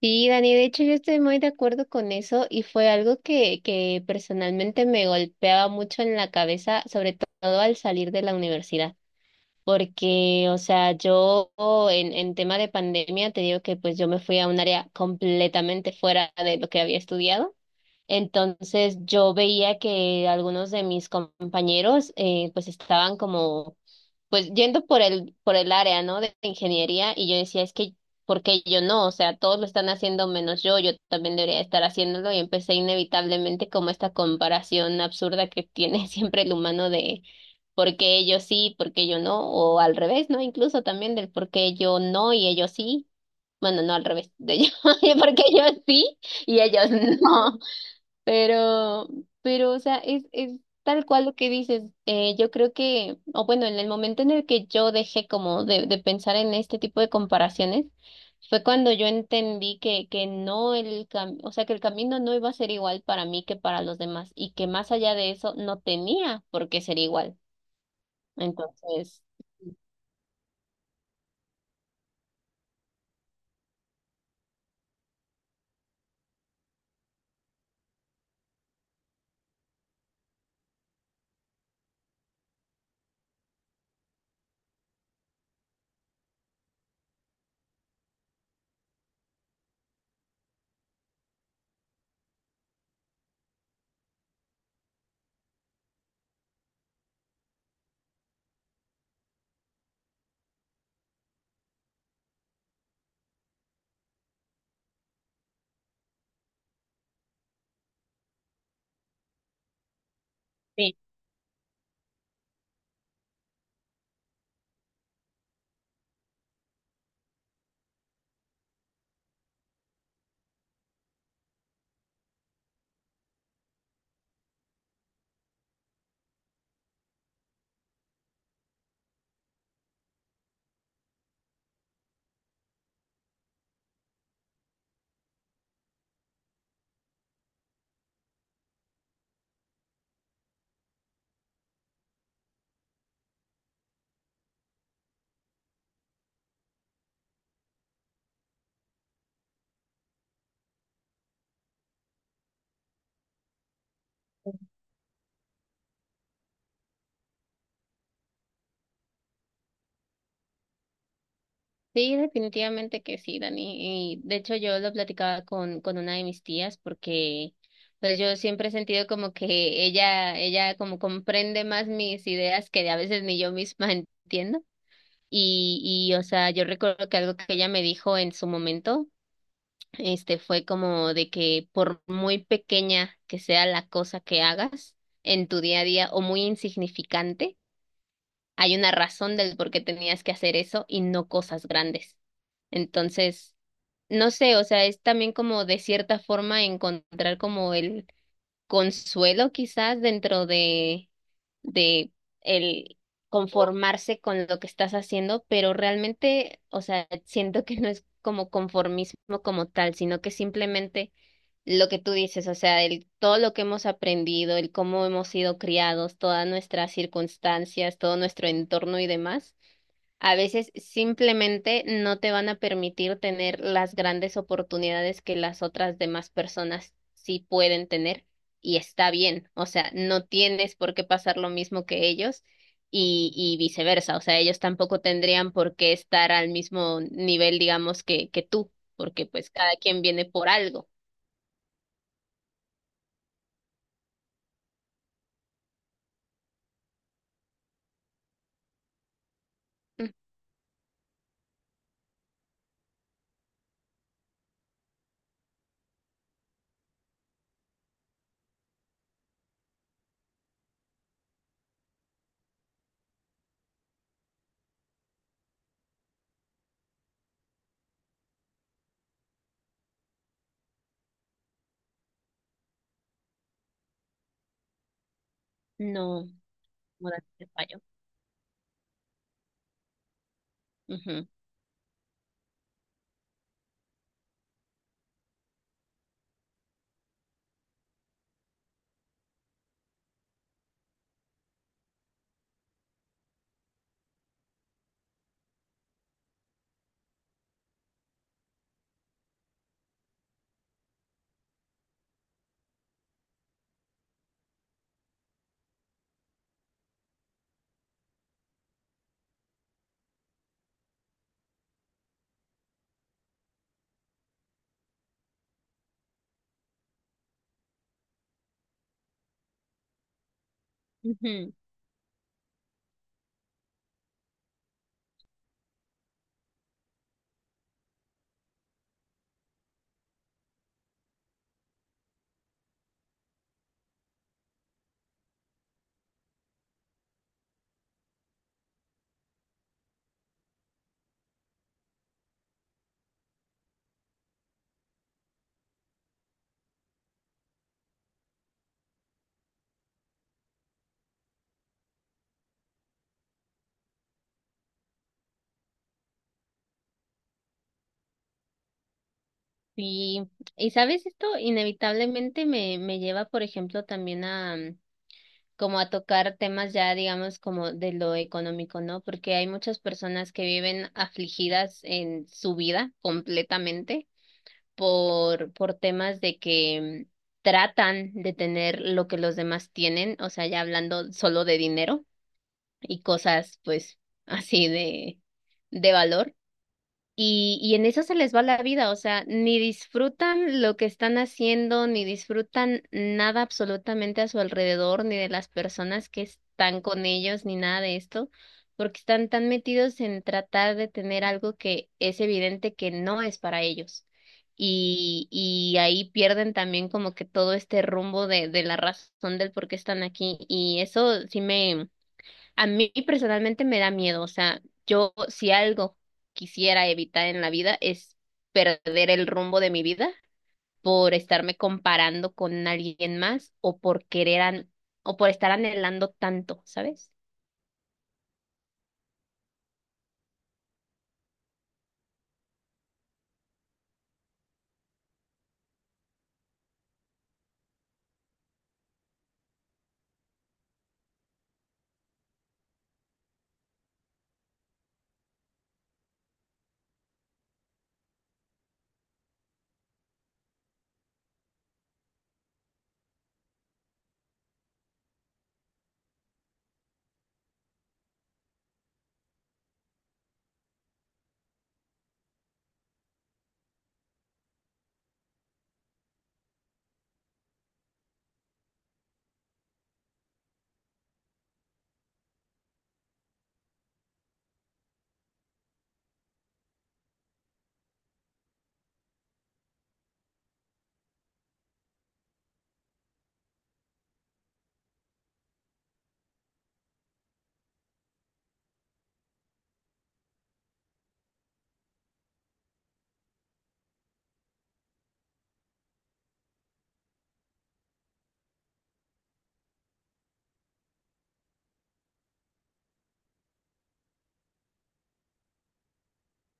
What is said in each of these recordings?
Sí, Dani, de hecho yo estoy muy de acuerdo con eso y fue algo que personalmente me golpeaba mucho en la cabeza, sobre todo al salir de la universidad, porque, o sea, yo en tema de pandemia te digo que pues yo me fui a un área completamente fuera de lo que había estudiado. Entonces yo veía que algunos de mis compañeros pues estaban como pues yendo por el área, ¿no? De ingeniería. Y yo decía, ¿por qué yo no? O sea, todos lo están haciendo menos yo, yo también debería estar haciéndolo, y empecé inevitablemente como esta comparación absurda que tiene siempre el humano de por qué ellos sí, por qué yo no, o al revés, ¿no? Incluso también del por qué yo no y ellos sí. Bueno, no al revés, de yo, por qué yo sí y ellos no. Pero, pero, o sea, es tal cual lo que dices. Yo creo que, o bueno, en el momento en el que yo dejé como de pensar en este tipo de comparaciones, fue cuando yo entendí que no el cam- o sea, que el camino no iba a ser igual para mí que para los demás, y que más allá de eso no tenía por qué ser igual. Entonces, sí. Sí, definitivamente que sí, Dani. Y de hecho yo lo platicaba con una de mis tías, porque pues yo siempre he sentido como que ella como comprende más mis ideas que a veces ni yo misma entiendo. Y o sea, yo recuerdo que algo que ella me dijo en su momento, fue como de que por muy pequeña que sea la cosa que hagas en tu día a día o muy insignificante, hay una razón del por qué tenías que hacer eso y no cosas grandes. Entonces, no sé, o sea, es también como de cierta forma encontrar como el consuelo quizás dentro de el conformarse con lo que estás haciendo, pero realmente, o sea, siento que no es como conformismo como tal, sino que simplemente lo que tú dices, o sea, el, todo lo que hemos aprendido, el cómo hemos sido criados, todas nuestras circunstancias, todo nuestro entorno y demás a veces simplemente no te van a permitir tener las grandes oportunidades que las otras demás personas sí pueden tener. Y está bien, o sea, no tienes por qué pasar lo mismo que ellos y viceversa, o sea, ellos tampoco tendrían por qué estar al mismo nivel, digamos, que tú, porque pues cada quien viene por algo. Mm. No, no te fallo. Ujú, ujú. Sí, y sabes, esto inevitablemente me lleva, por ejemplo, también a... como a tocar temas ya, digamos, como de lo económico, ¿no? Porque hay muchas personas que viven afligidas en su vida completamente por temas de que mm, tratan de tener lo que los demás tienen, o sea, ya hablando solo de dinero y cosas, pues, así de valor y en eso se les va la vida, o sea, ni disfrutan lo que están haciendo, ni disfrutan nada absolutamente a su alrededor, ni de las personas que están con ellos, ni nada de esto, porque están tan metidos en tratar de tener algo que es evidente que no es para ellos. Y ahí pierden también como que todo este rumbo de la razón del por qué están aquí. Y eso sí me a mí personalmente me da miedo, o sea, yo si algo quisiera evitar en la vida es perder el rumbo de mi vida por estarme comparando con alguien más o o por estar anhelando tanto, ¿sabes?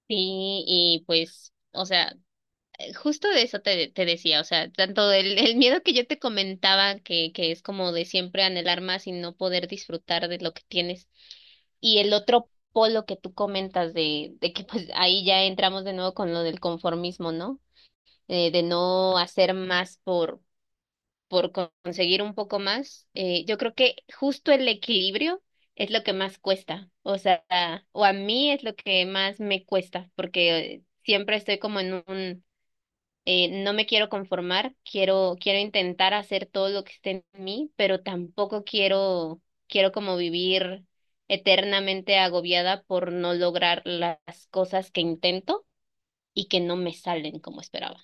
Sí, y pues, o sea, justo de eso te, te decía, o sea, tanto el miedo que yo te comentaba, que es como de siempre anhelar más y no poder disfrutar de lo que tienes, y el otro polo que tú comentas de que pues ahí ya entramos de nuevo con lo del conformismo, ¿no? De no hacer más por, conseguir un poco más. Yo creo que justo el equilibrio es lo que más cuesta, o sea, o a mí es lo que más me cuesta, porque siempre estoy como en un no me quiero conformar, quiero, quiero intentar hacer todo lo que esté en mí, pero tampoco quiero, quiero como vivir eternamente agobiada por no lograr las cosas que intento y que no me salen como esperaba.